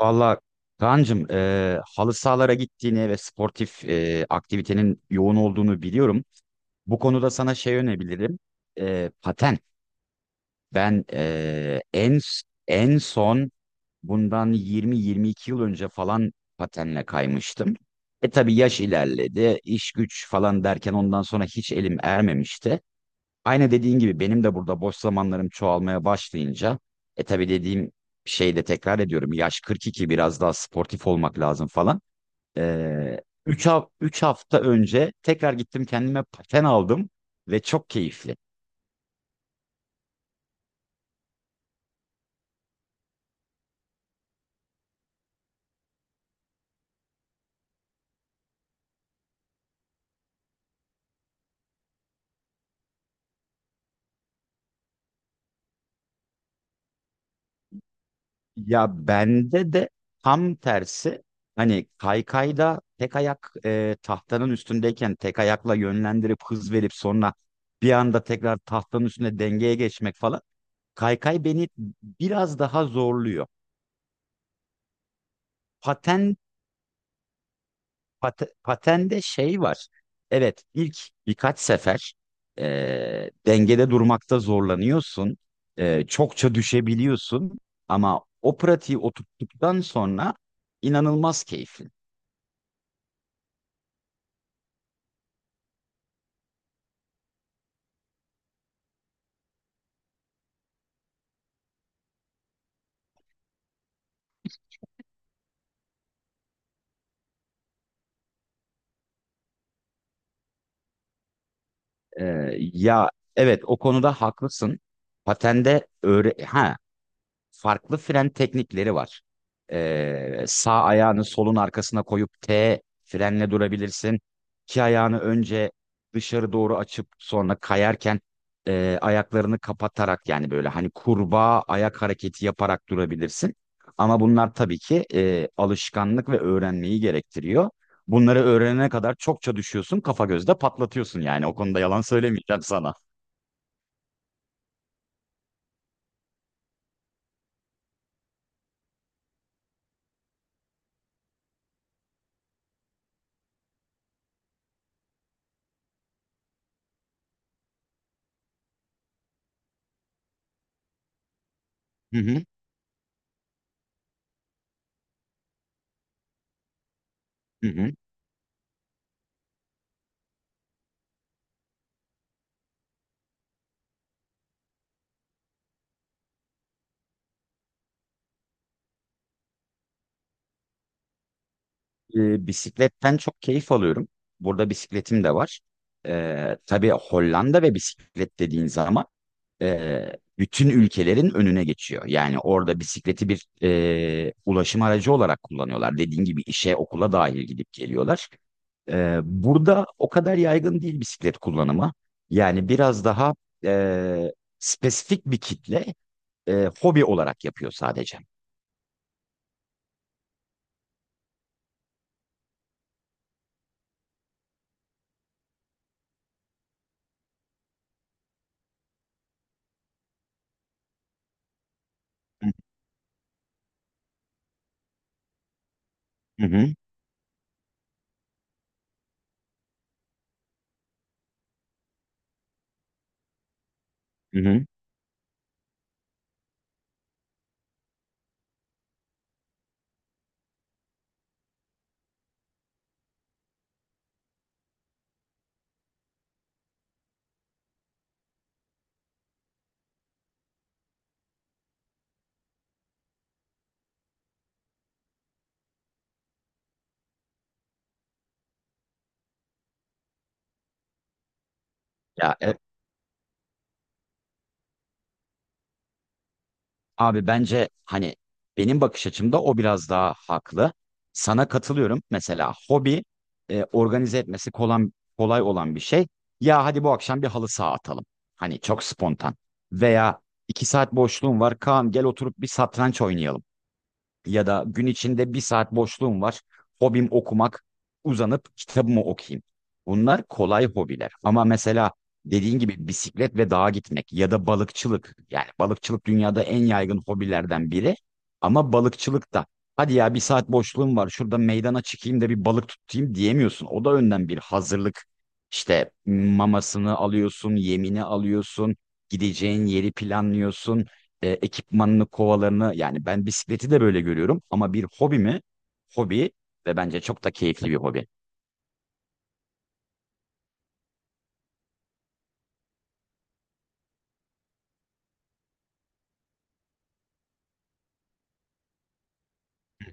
Valla Kaan'cığım, halı sahalara gittiğini ve sportif aktivitenin yoğun olduğunu biliyorum. Bu konuda sana şey önebilirim. Paten. Ben en son bundan 20-22 yıl önce falan patenle kaymıştım. Tabii yaş ilerledi, iş güç falan derken ondan sonra hiç elim ermemişti. Aynı dediğin gibi benim de burada boş zamanlarım çoğalmaya başlayınca tabii dediğim şeyi de tekrar ediyorum. Yaş 42, biraz daha sportif olmak lazım falan. Ee, 3 3 hafta önce tekrar gittim kendime paten aldım ve çok keyifli. Ya bende de tam tersi, hani kaykayda tek ayak tahtanın üstündeyken tek ayakla yönlendirip hız verip sonra bir anda tekrar tahtanın üstüne dengeye geçmek falan. Kaykay beni biraz daha zorluyor. Paten, Patende şey var. Evet, ilk birkaç sefer dengede durmakta zorlanıyorsun. Çokça düşebiliyorsun. Ama o pratiği oturttuktan sonra inanılmaz keyifli. E, Ya, evet, o konuda haklısın. Patende öğre ha farklı fren teknikleri var. Sağ ayağını solun arkasına koyup T frenle durabilirsin. İki ayağını önce dışarı doğru açıp sonra kayarken ayaklarını kapatarak, yani böyle hani kurbağa ayak hareketi yaparak durabilirsin. Ama bunlar tabii ki alışkanlık ve öğrenmeyi gerektiriyor. Bunları öğrenene kadar çokça düşüyorsun, kafa gözde patlatıyorsun yani. O konuda yalan söylemeyeceğim sana. Hı hı. Hı hı. Bisikletten çok keyif alıyorum. Burada bisikletim de var. Tabii Hollanda ve bisiklet dediğin zaman e, bütün ülkelerin önüne geçiyor. Yani orada bisikleti bir ulaşım aracı olarak kullanıyorlar. Dediğin gibi işe, okula dahil gidip geliyorlar. Burada o kadar yaygın değil bisiklet kullanımı. Yani biraz daha e, spesifik bir kitle hobi olarak yapıyor sadece. Hı hı, hı hı. Ya e- Abi, bence hani benim bakış açımda o biraz daha haklı. Sana katılıyorum. Mesela hobi organize etmesi kolay, kolay olan bir şey. Ya, hadi bu akşam bir halı saha atalım. Hani çok spontan. Veya iki saat boşluğum var. Kaan, gel oturup bir satranç oynayalım, ya da gün içinde bir saat boşluğum var. Hobim okumak, uzanıp kitabımı okuyayım. Bunlar kolay hobiler. Ama mesela dediğin gibi bisiklet ve dağa gitmek, ya da balıkçılık. Yani balıkçılık dünyada en yaygın hobilerden biri. Ama balıkçılık da, hadi ya bir saat boşluğum var şurada meydana çıkayım da bir balık tutayım, diyemiyorsun. O da önden bir hazırlık. İşte mamasını alıyorsun, yemini alıyorsun, gideceğin yeri planlıyorsun, ekipmanını, kovalarını, yani ben bisikleti de böyle görüyorum ama bir hobi mi? Hobi, ve bence çok da keyifli bir hobi.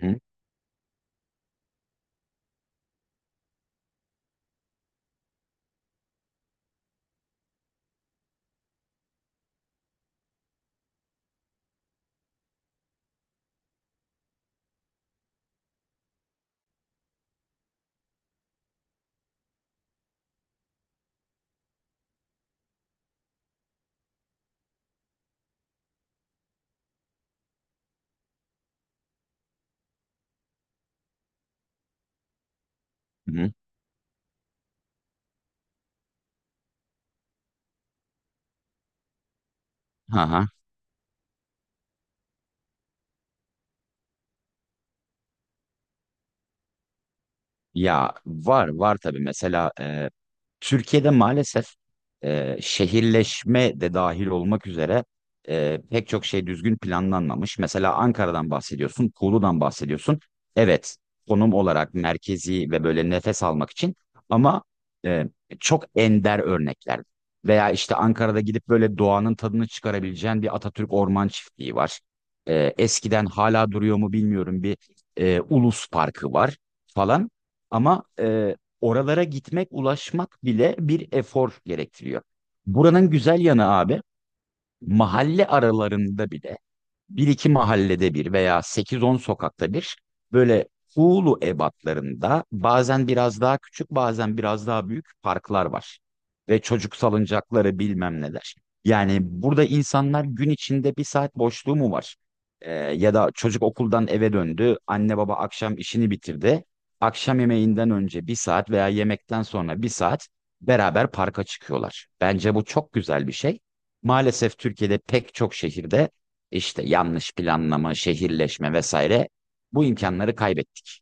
Hı hı. Hı hı. Hı hı. Ya var var tabii, mesela Türkiye'de maalesef şehirleşme de dahil olmak üzere pek çok şey düzgün planlanmamış. Mesela Ankara'dan bahsediyorsun, Kuğu'dan bahsediyorsun. Evet, konum olarak merkezi ve böyle nefes almak için, ama e, çok ender örnekler. Veya işte Ankara'da gidip böyle doğanın tadını çıkarabileceğin bir Atatürk Orman Çiftliği var. Eskiden hala duruyor mu bilmiyorum, bir Ulus Parkı var falan. Ama oralara gitmek, ulaşmak bile bir efor gerektiriyor. Buranın güzel yanı abi, mahalle aralarında bile bir iki mahallede bir veya sekiz on sokakta bir böyle Hulu ebatlarında, bazen biraz daha küçük bazen biraz daha büyük parklar var. Ve çocuk salıncakları bilmem neler. Yani burada insanlar gün içinde bir saat boşluğu mu var? Ya da çocuk okuldan eve döndü, anne baba akşam işini bitirdi. Akşam yemeğinden önce bir saat veya yemekten sonra bir saat beraber parka çıkıyorlar. Bence bu çok güzel bir şey. Maalesef Türkiye'de pek çok şehirde işte yanlış planlama, şehirleşme vesaire, bu imkanları kaybettik.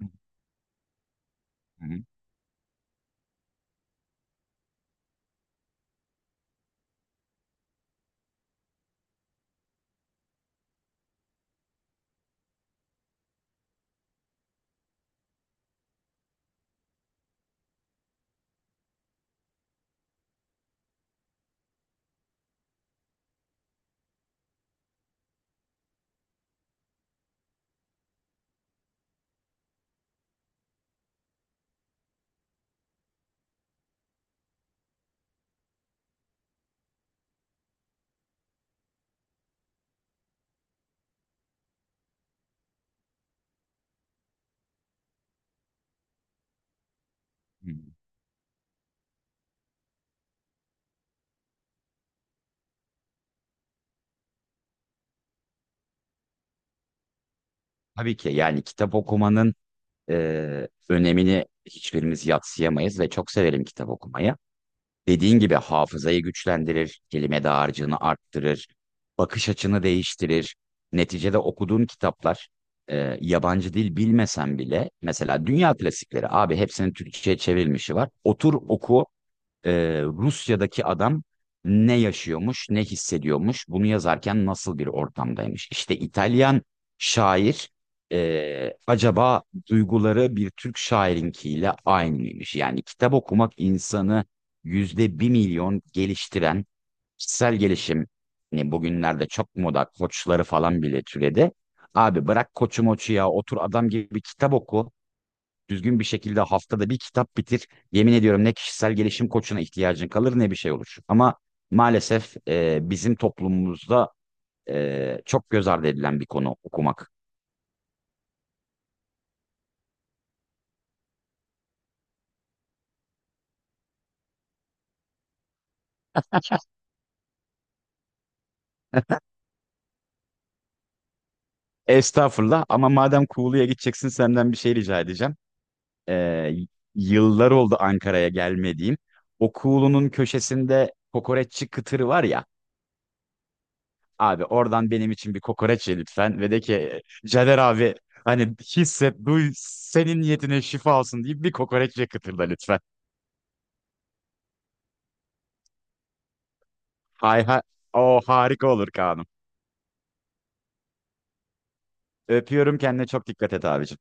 Hı hı. Hı. Tabii ki yani kitap okumanın önemini hiçbirimiz yadsıyamayız ve çok severim kitap okumayı. Dediğin gibi hafızayı güçlendirir, kelime dağarcığını arttırır, bakış açını değiştirir. Neticede okuduğum kitaplar, yabancı dil bilmesem bile mesela dünya klasikleri abi, hepsinin Türkçe'ye çevrilmişi var. Otur oku, Rusya'daki adam ne yaşıyormuş, ne hissediyormuş, bunu yazarken nasıl bir ortamdaymış. İşte İtalyan şair, acaba duyguları bir Türk şairinkiyle aynı mıymış? Yani kitap okumak insanı %1.000.000 geliştiren kişisel gelişim, hani bugünlerde çok moda koçları falan bile türedi. Abi bırak koçu moçu, ya otur adam gibi kitap oku. Düzgün bir şekilde haftada bir kitap bitir. Yemin ediyorum, ne kişisel gelişim koçuna ihtiyacın kalır ne bir şey olur. Ama maalesef bizim toplumumuzda çok göz ardı edilen bir konu okumak. Estağfurullah, ama madem Kuğulu'ya gideceksin senden bir şey rica edeceğim. E, Yıllar oldu Ankara'ya gelmediğim. O Kuğulu'nun köşesinde kokoreççi kıtırı var ya. Abi oradan benim için bir kokoreç ye lütfen, ve de ki Caner abi hani, hisset duy, senin niyetine şifa olsun deyip bir kokoreç ye kıtırda lütfen. Hay hay, o harika olur Kaan'ım. Öpüyorum, kendine çok dikkat et abicim.